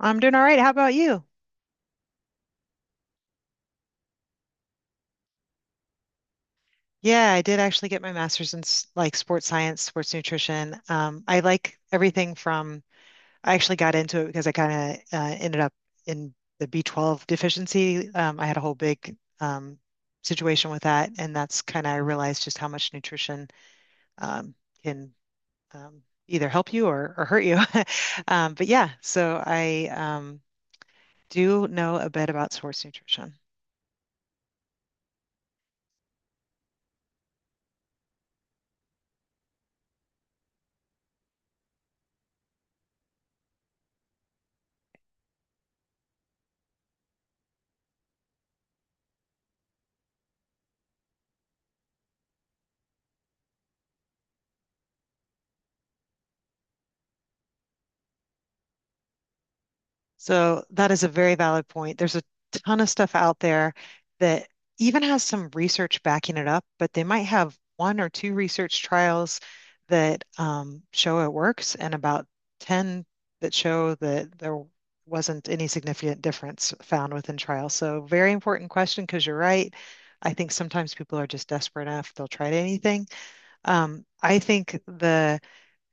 I'm doing all right. How about you? Yeah, I did actually get my master's in like sports science, sports nutrition. I like everything from. I actually got into it because I kind of ended up in the B12 deficiency. I had a whole big situation with that, and that's kind of I realized just how much nutrition um, can um, either help you or hurt you. But yeah, so I do know a bit about sports nutrition. So that is a very valid point. There's a ton of stuff out there that even has some research backing it up, but they might have one or two research trials that show it works and about 10 that show that there wasn't any significant difference found within trials. So very important question because you're right. I think sometimes people are just desperate enough, they'll try anything. I think the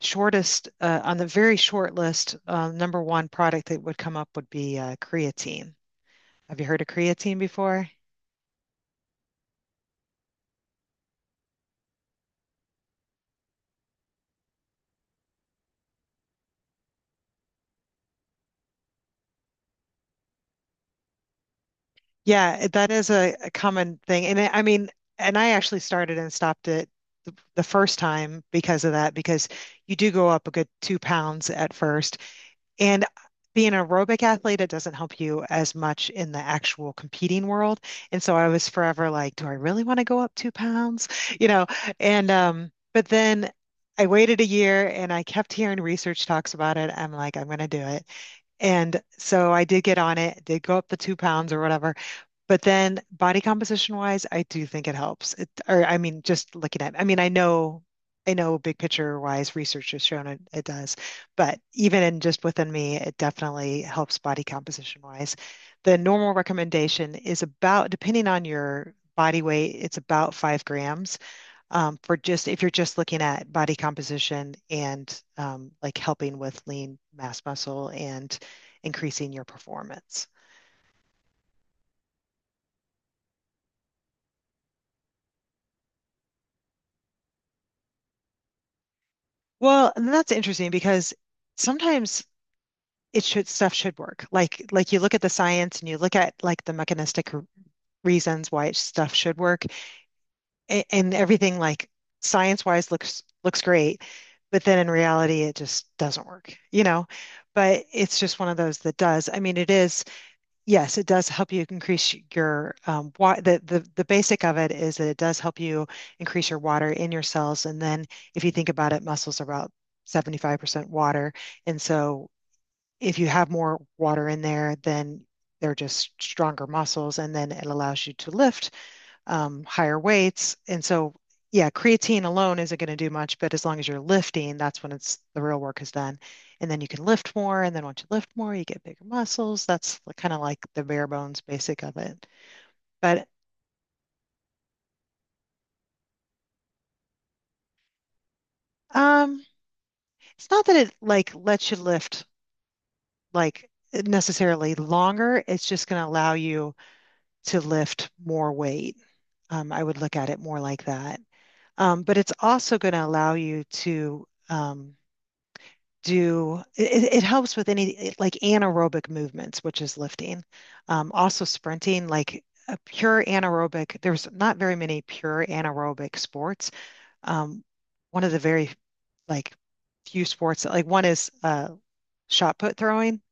shortest on the very short list, number one product that would come up would be creatine. Have you heard of creatine before? Yeah, that is a common thing. And I mean, and I actually started and stopped it the first time because of that, because you do go up a good 2 pounds at first. And being an aerobic athlete, it doesn't help you as much in the actual competing world. And so I was forever like, do I really want to go up 2 pounds? You know, and but then I waited a year and I kept hearing research talks about it. I'm like, I'm going to do it. And so I did get on it, did go up the 2 pounds or whatever. But then body composition wise, I do think it helps. It, or I mean, just looking at, I mean, I know, big picture wise research has shown it does, but even in just within me, it definitely helps body composition wise. The normal recommendation is about, depending on your body weight, it's about 5 grams for just if you're just looking at body composition and like helping with lean mass muscle and increasing your performance. Well, and that's interesting because sometimes it should stuff should work. Like you look at the science and you look at like the mechanistic reasons why stuff should work, and everything like science wise looks great, but then in reality it just doesn't work, you know? But it's just one of those that does. I mean, it is yes, it does help you increase your wa the basic of it is that it does help you increase your water in your cells. And then if you think about it, muscles are about 75% water. And so if you have more water in there, then they're just stronger muscles. And then it allows you to lift higher weights. And so, yeah, creatine alone isn't going to do much, but as long as you're lifting, that's when it's the real work is done. And then you can lift more. And then once you lift more, you get bigger muscles. That's kind of like the bare bones basic of it. But um, it's not that it like lets you lift like necessarily longer. It's just going to allow you to lift more weight. I would look at it more like that. But it's also going to allow you to do it helps with any like anaerobic movements, which is lifting. Also sprinting, like a pure anaerobic, there's not very many pure anaerobic sports. Um, one of the very like few sports like one is shot put throwing.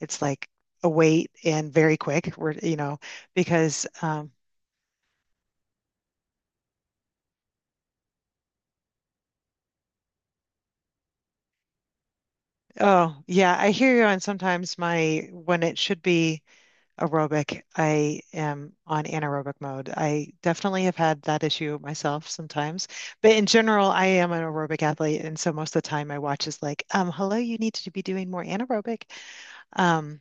It's like a weight and very quick. We're, you know, because oh yeah, I hear you on sometimes my when it should be aerobic. I am on anaerobic mode. I definitely have had that issue myself sometimes. But in general, I am an aerobic athlete. And so most of the time my watch is like, hello, you need to be doing more anaerobic. Um,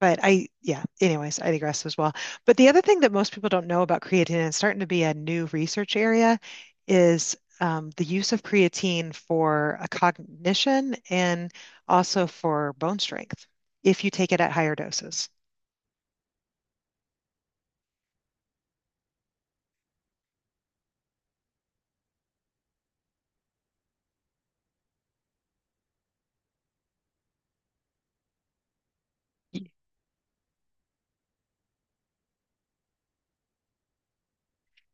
but yeah, anyways, I digress as well. But the other thing that most people don't know about creatine, and it's starting to be a new research area, is the use of creatine for a cognition and also for bone strength if you take it at higher doses.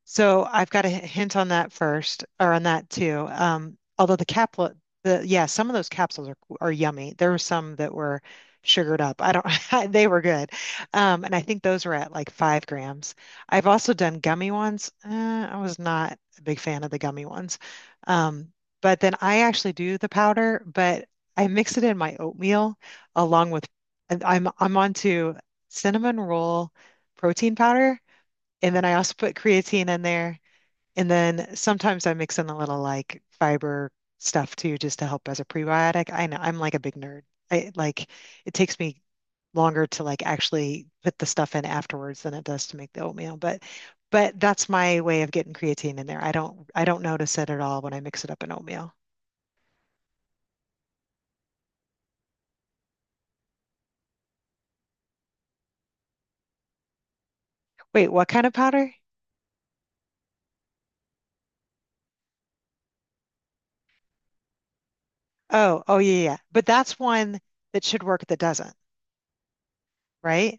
So I've got a hint on that first, or on that too. Although the capsule, the, yeah, some of those capsules are yummy. There were some that were sugared up. I don't, they were good, and I think those were at like 5 grams. I've also done gummy ones. I was not a big fan of the gummy ones, um, but then I actually do the powder, but I mix it in my oatmeal along with, and I'm onto cinnamon roll protein powder. And then I also put creatine in there. And then sometimes I mix in a little like fiber stuff too, just to help as a prebiotic. I know I'm like a big nerd. I like it takes me longer to like actually put the stuff in afterwards than it does to make the oatmeal. But that's my way of getting creatine in there. I don't notice it at all when I mix it up in oatmeal. Wait, what kind of powder? Oh, yeah, yeah, yeah. But that's one that should work that doesn't, right?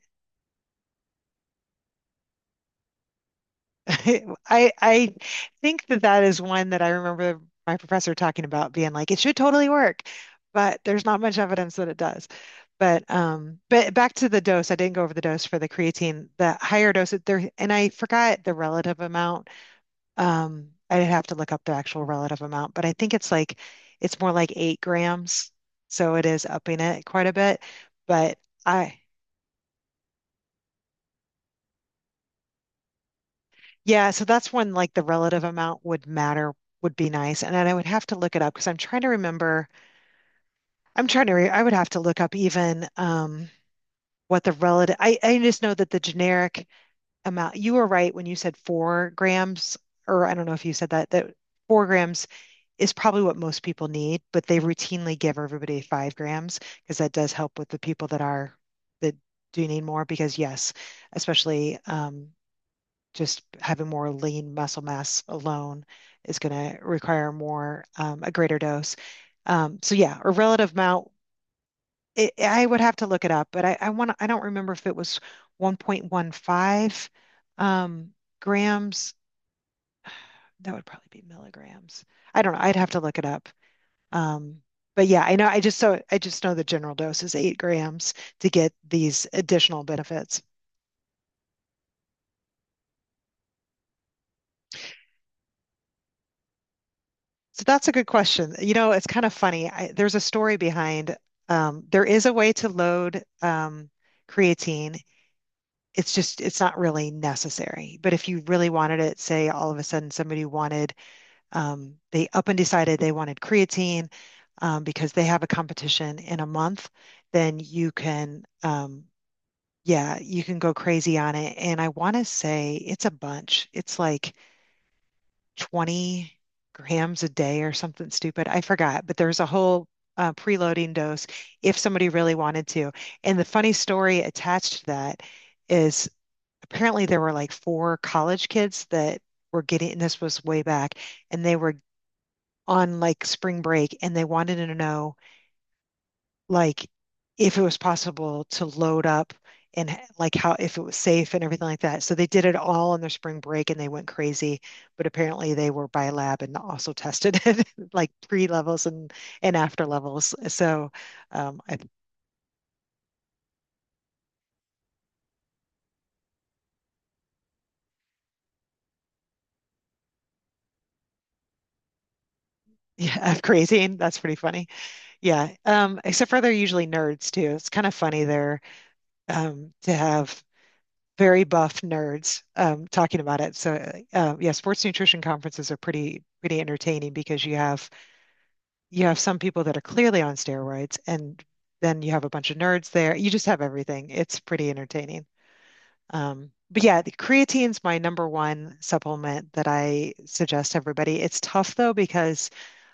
I think that that is one that I remember my professor talking about being like it should totally work, but there's not much evidence that it does. But back to the dose, I didn't go over the dose for the creatine. The higher dose there, and I forgot the relative amount. I'd have to look up the actual relative amount, but I think it's more like 8 grams, so it is upping it quite a bit. But I yeah, so that's when like the relative amount would matter, would be nice. And then I would have to look it up because I'm trying to remember. I would have to look up even what the relative I just know that the generic amount you were right when you said 4 grams, or I don't know if you said that that 4 grams is probably what most people need, but they routinely give everybody 5 grams because that does help with the people that are that do need more because yes, especially just having more lean muscle mass alone is going to require more, a greater dose. So yeah, a relative amount. I would have to look it up, but I don't remember if it was 1.15 um, grams. That would probably be milligrams. I don't know. I'd have to look it up. Um, but yeah, I know. I just so I just know the general dose is 8 grams to get these additional benefits. So that's a good question. You know, it's kind of funny. There's a story behind. There is a way to load creatine. It's just it's not really necessary. But if you really wanted it, say all of a sudden somebody wanted they up and decided they wanted creatine because they have a competition in a month, then you can go crazy on it. And I want to say it's a bunch. It's like 20 grams a day or something stupid. I forgot, but there's a whole preloading dose if somebody really wanted to. And the funny story attached to that is apparently there were like four college kids that were getting, and this was way back, and they were on like spring break and they wanted to know like if it was possible to load up and like how if it was safe and everything like that. So they did it all on their spring break and they went crazy, but apparently they were by lab and also tested it like pre levels and after levels. So um I, yeah, I'm crazy and that's pretty funny. Yeah. Except for they're usually nerds too. It's kind of funny there to have very buff nerds talking about it. So yeah, sports nutrition conferences are pretty entertaining because you have some people that are clearly on steroids, and then you have a bunch of nerds there. You just have everything. It's pretty entertaining. But yeah, the creatine's my number one supplement that I suggest to everybody. It's tough though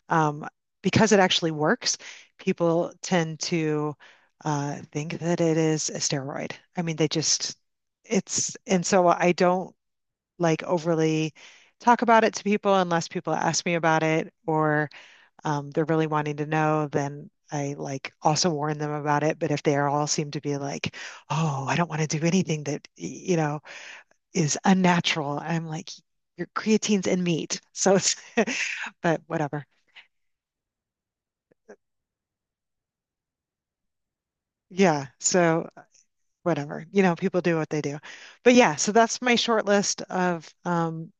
um, because it actually works, people tend to think that it is a steroid. I mean, they just it's and so I don't like overly talk about it to people unless people ask me about it or they're really wanting to know, then I like also warn them about it. But if they all seem to be like, oh, I don't want to do anything that, you know, is unnatural, I'm like, your creatine's in meat. So but whatever. Yeah. So whatever, people do what they do. But yeah, so that's my short list of,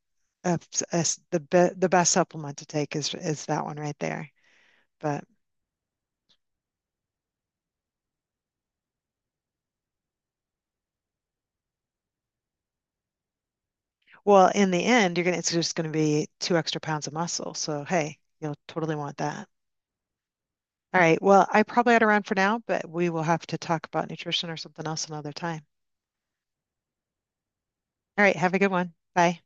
of, the best supplement to take is that one right there. But well, in the end, you're gonna it's just gonna be two extra pounds of muscle. So hey, you'll totally want that. All right. Well, I probably ought to run for now, but we will have to talk about nutrition or something else another time. All right. Have a good one. Bye.